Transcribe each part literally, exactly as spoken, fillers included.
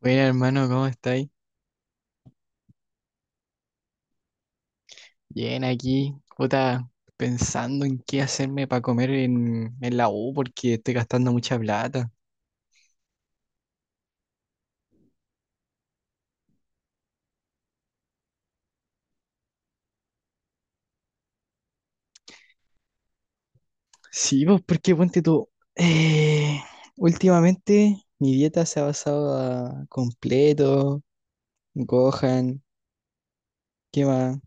Bueno, hermano, ¿cómo estáis? Bien, aquí, puta, pensando en qué hacerme para comer en, en la U porque estoy gastando mucha plata. Sí, pues, porque ponte tú. eh, últimamente mi dieta se ha basado a completo, Gohan, ¿qué más?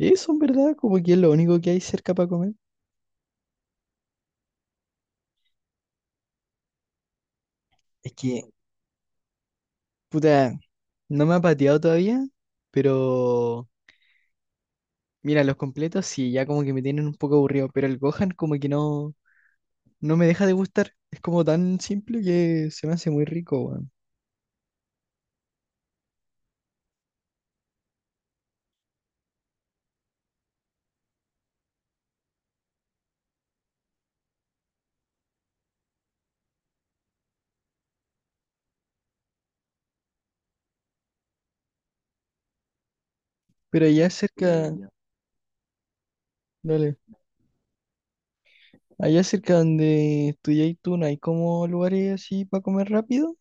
Eso, en verdad, como que es lo único que hay cerca para comer. Es que, puta, no me ha pateado todavía, pero mira, los completos sí, ya como que me tienen un poco aburrido, pero el Gohan como que no. No me deja de gustar. Es como tan simple que se me hace muy rico, weón. Pero allá cerca, mira. Dale, allá cerca donde estudiáis tú, ¿no hay como lugares así para comer rápido?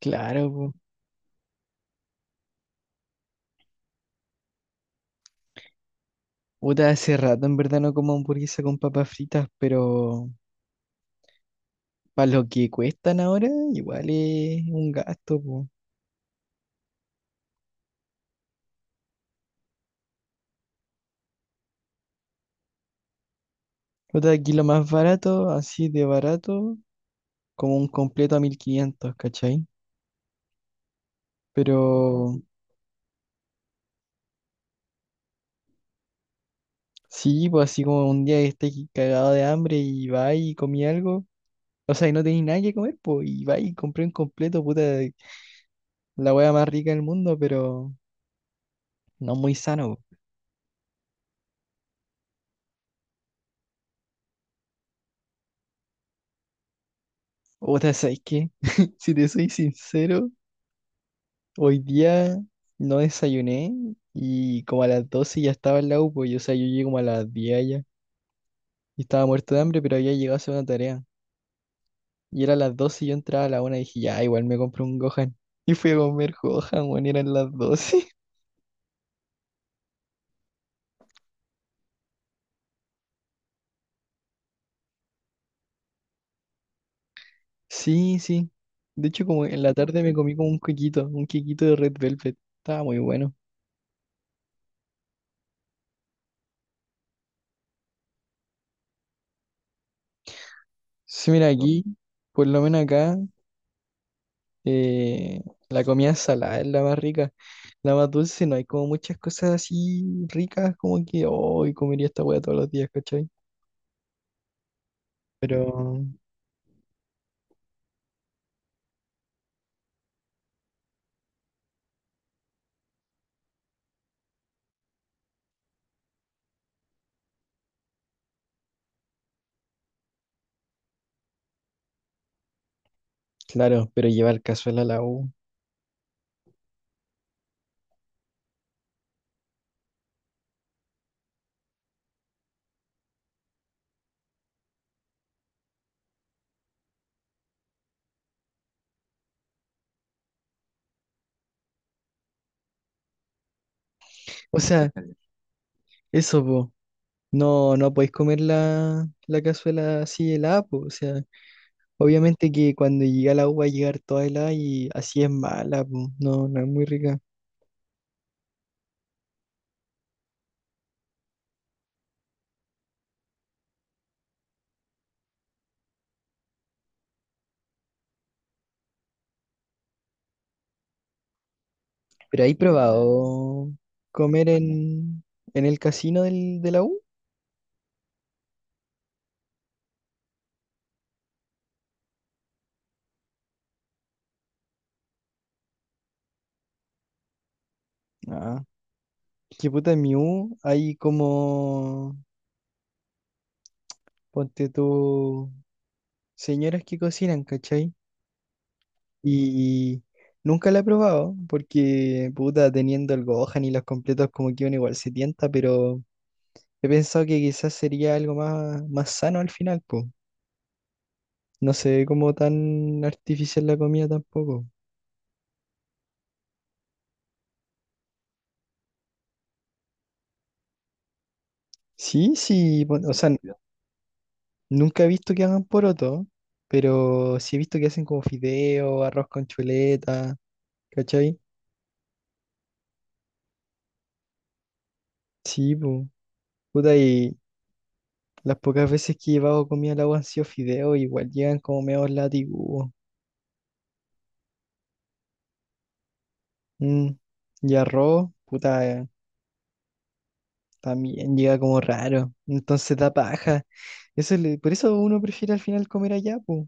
Claro, po. Puta, hace rato en verdad no como hamburguesa con papas fritas, pero para lo que cuestan ahora, igual es un gasto, po. Puta, aquí lo más barato, así de barato, como un completo a mil quinientos, ¿cachai? Pero sí, pues, así como un día que estés cagado de hambre y va y comí algo, o sea, y no tenéis nada que comer, pues, y vais y compré un completo, puta, la hueá más rica del mundo, pero no muy sano. Po. Puta, ¿sabes qué? Si te soy sincero, hoy día no desayuné y como a las doce ya estaba en la U, pues, y, o sea, yo llegué como a las diez allá y estaba muerto de hambre, pero había llegado a hacer una tarea. Y era las doce y yo entraba a la una y dije, ya, igual me compré un Gohan. Y fui a comer Gohan, bueno, eran las doce. Sí, sí. De hecho, como en la tarde me comí como un quequito, un quequito de Red Velvet. Estaba muy bueno. Sí, mira, aquí, por lo menos acá, eh, la comida salada es la más rica. La más dulce, no hay como muchas cosas así ricas, como que hoy comería esta hueá todos los días, ¿cachai? Pero, claro, pero llevar cazuela a la U. O sea, eso, po. No, no podéis comer la, la cazuela así helada, po. O sea. Obviamente que cuando llega la agua va a llegar toda helada y así es mala, po. No, no es muy rica. ¿Pero hay probado comer en, en el casino del, de la U? Ah, qué puta en mi U hay como, ponte tú, señoras que cocinan, ¿cachai? Y nunca la he probado porque, puta, teniendo el Gohan y los completos como que uno igual se tienta, pero he pensado que quizás sería algo más, más sano al final, po. No se ve como tan artificial la comida tampoco. Sí, sí, pon- o sea, n- nunca he visto que hagan poroto, pero sí he visto que hacen como fideo, arroz con chuleta, ¿cachai? Sí, pues. Puta, y las pocas veces que he llevado comida al agua han sido fideo, igual llegan como medio látigo. Y arroz, puta, eh, también llega como raro. Entonces da paja. Eso le- por eso uno prefiere al final comer allá, pues.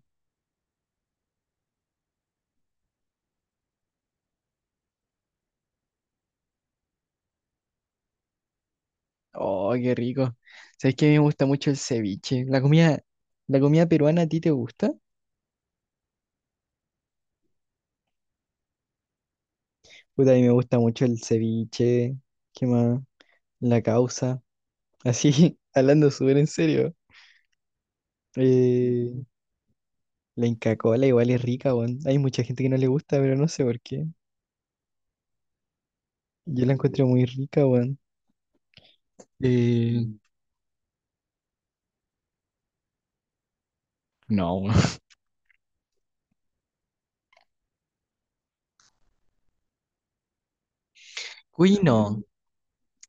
Oh, qué rico. ¿Sabes que a mí me gusta mucho el ceviche? ¿La comida, la comida peruana, ¿a ti te gusta? Pues a mí me gusta mucho el ceviche, ¿qué más? La causa. Así, hablando súper en serio. Eh, la Inca Kola igual es rica, weón. Hay mucha gente que no le gusta, pero no sé por qué. Yo la encuentro muy rica, weón. Eh, no, uy, no.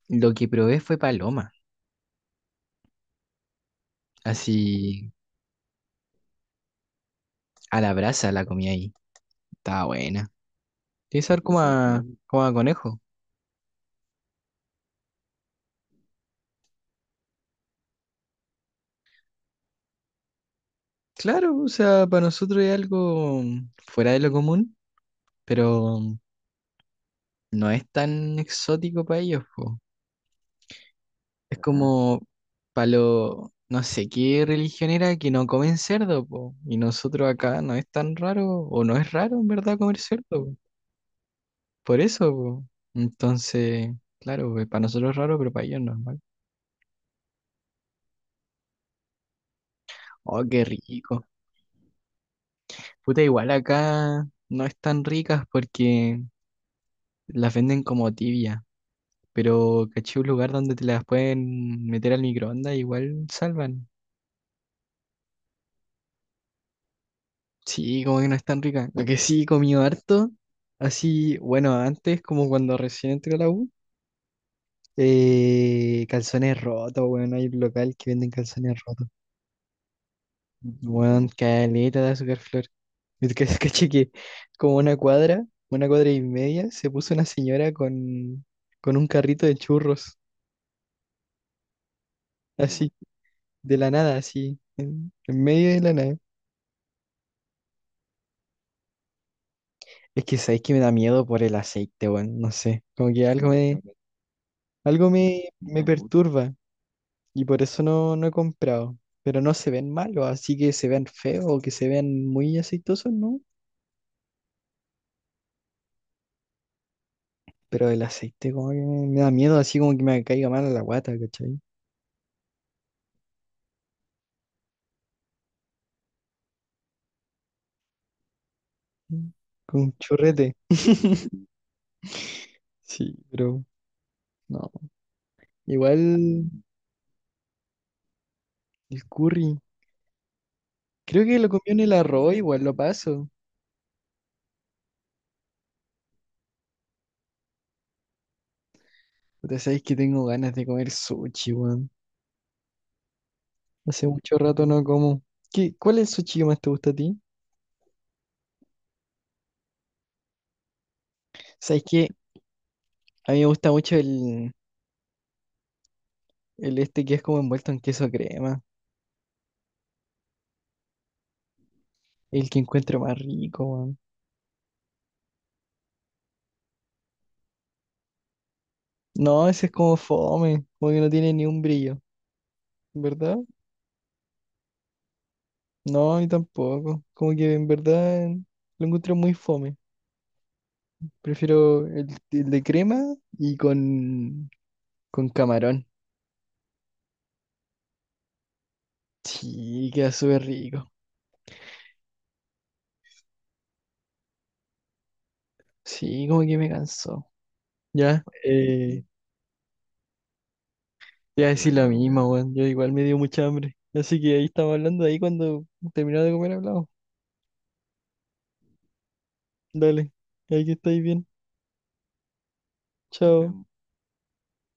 Lo que probé fue paloma. Así, a la brasa la comí ahí. Estaba buena. Tiene sabor como a, como a conejo. Claro, o sea, para nosotros es algo fuera de lo común, pero no es tan exótico para ellos, po. Es Ah, como para lo, no sé qué religión era que no comen cerdo, po. Y nosotros acá no es tan raro, o no es raro en verdad comer cerdo, po. Por eso, po. Entonces, claro, pues, para nosotros es raro, pero para ellos es normal. Oh, qué rico. Puta, igual acá no es tan ricas porque las venden como tibia. Pero caché un lugar donde te las pueden meter al microondas, igual salvan. Sí, como que no es tan rica. Lo que sí he comido harto, así, bueno, antes, como cuando recién entré a la U, eh, calzones rotos. Bueno, hay un local que venden calzones rotos. Bueno, caleta de azúcar flor. Y que- caché que como una cuadra, una cuadra y media, se puso una señora con, con, un carrito de churros, así, de la nada, así, en en medio de la nada. Es que sabéis que me da miedo por el aceite, weón. No sé. Como que algo me, algo me, me No, perturba. Y por eso no, no he comprado. Pero no se ven malos, así que se vean feos o que se vean muy aceitosos, ¿no? Pero el aceite como que me, me da miedo, así como que me caiga mal a la guata, ¿cachai? Mm. Con un chorrete. Sí, pero no. Igual el curry. Creo que lo comió en el arroz, igual lo paso. Puta, sabéis que tengo ganas de comer sushi, weón. Hace mucho rato no como. ¿Qué, cuál es el sushi que más te gusta a ti? ¿Sabes que a mí me gusta mucho el, el este que es como envuelto en queso crema? El que encuentro más rico, weón. No, ese es como fome. Como que no tiene ni un brillo. ¿Verdad? No, a mí tampoco. Como que en verdad lo encuentro muy fome. Prefiero el, el de crema y con, con camarón. Sí, queda súper rico. Sí, como que me cansó. Ya. Eh, Te iba a decir lo mismo, weón. Yo igual me dio mucha hambre. Así que ahí estamos hablando, ahí cuando terminaba de comer hablamos. Dale, ahí que estáis bien. Chao.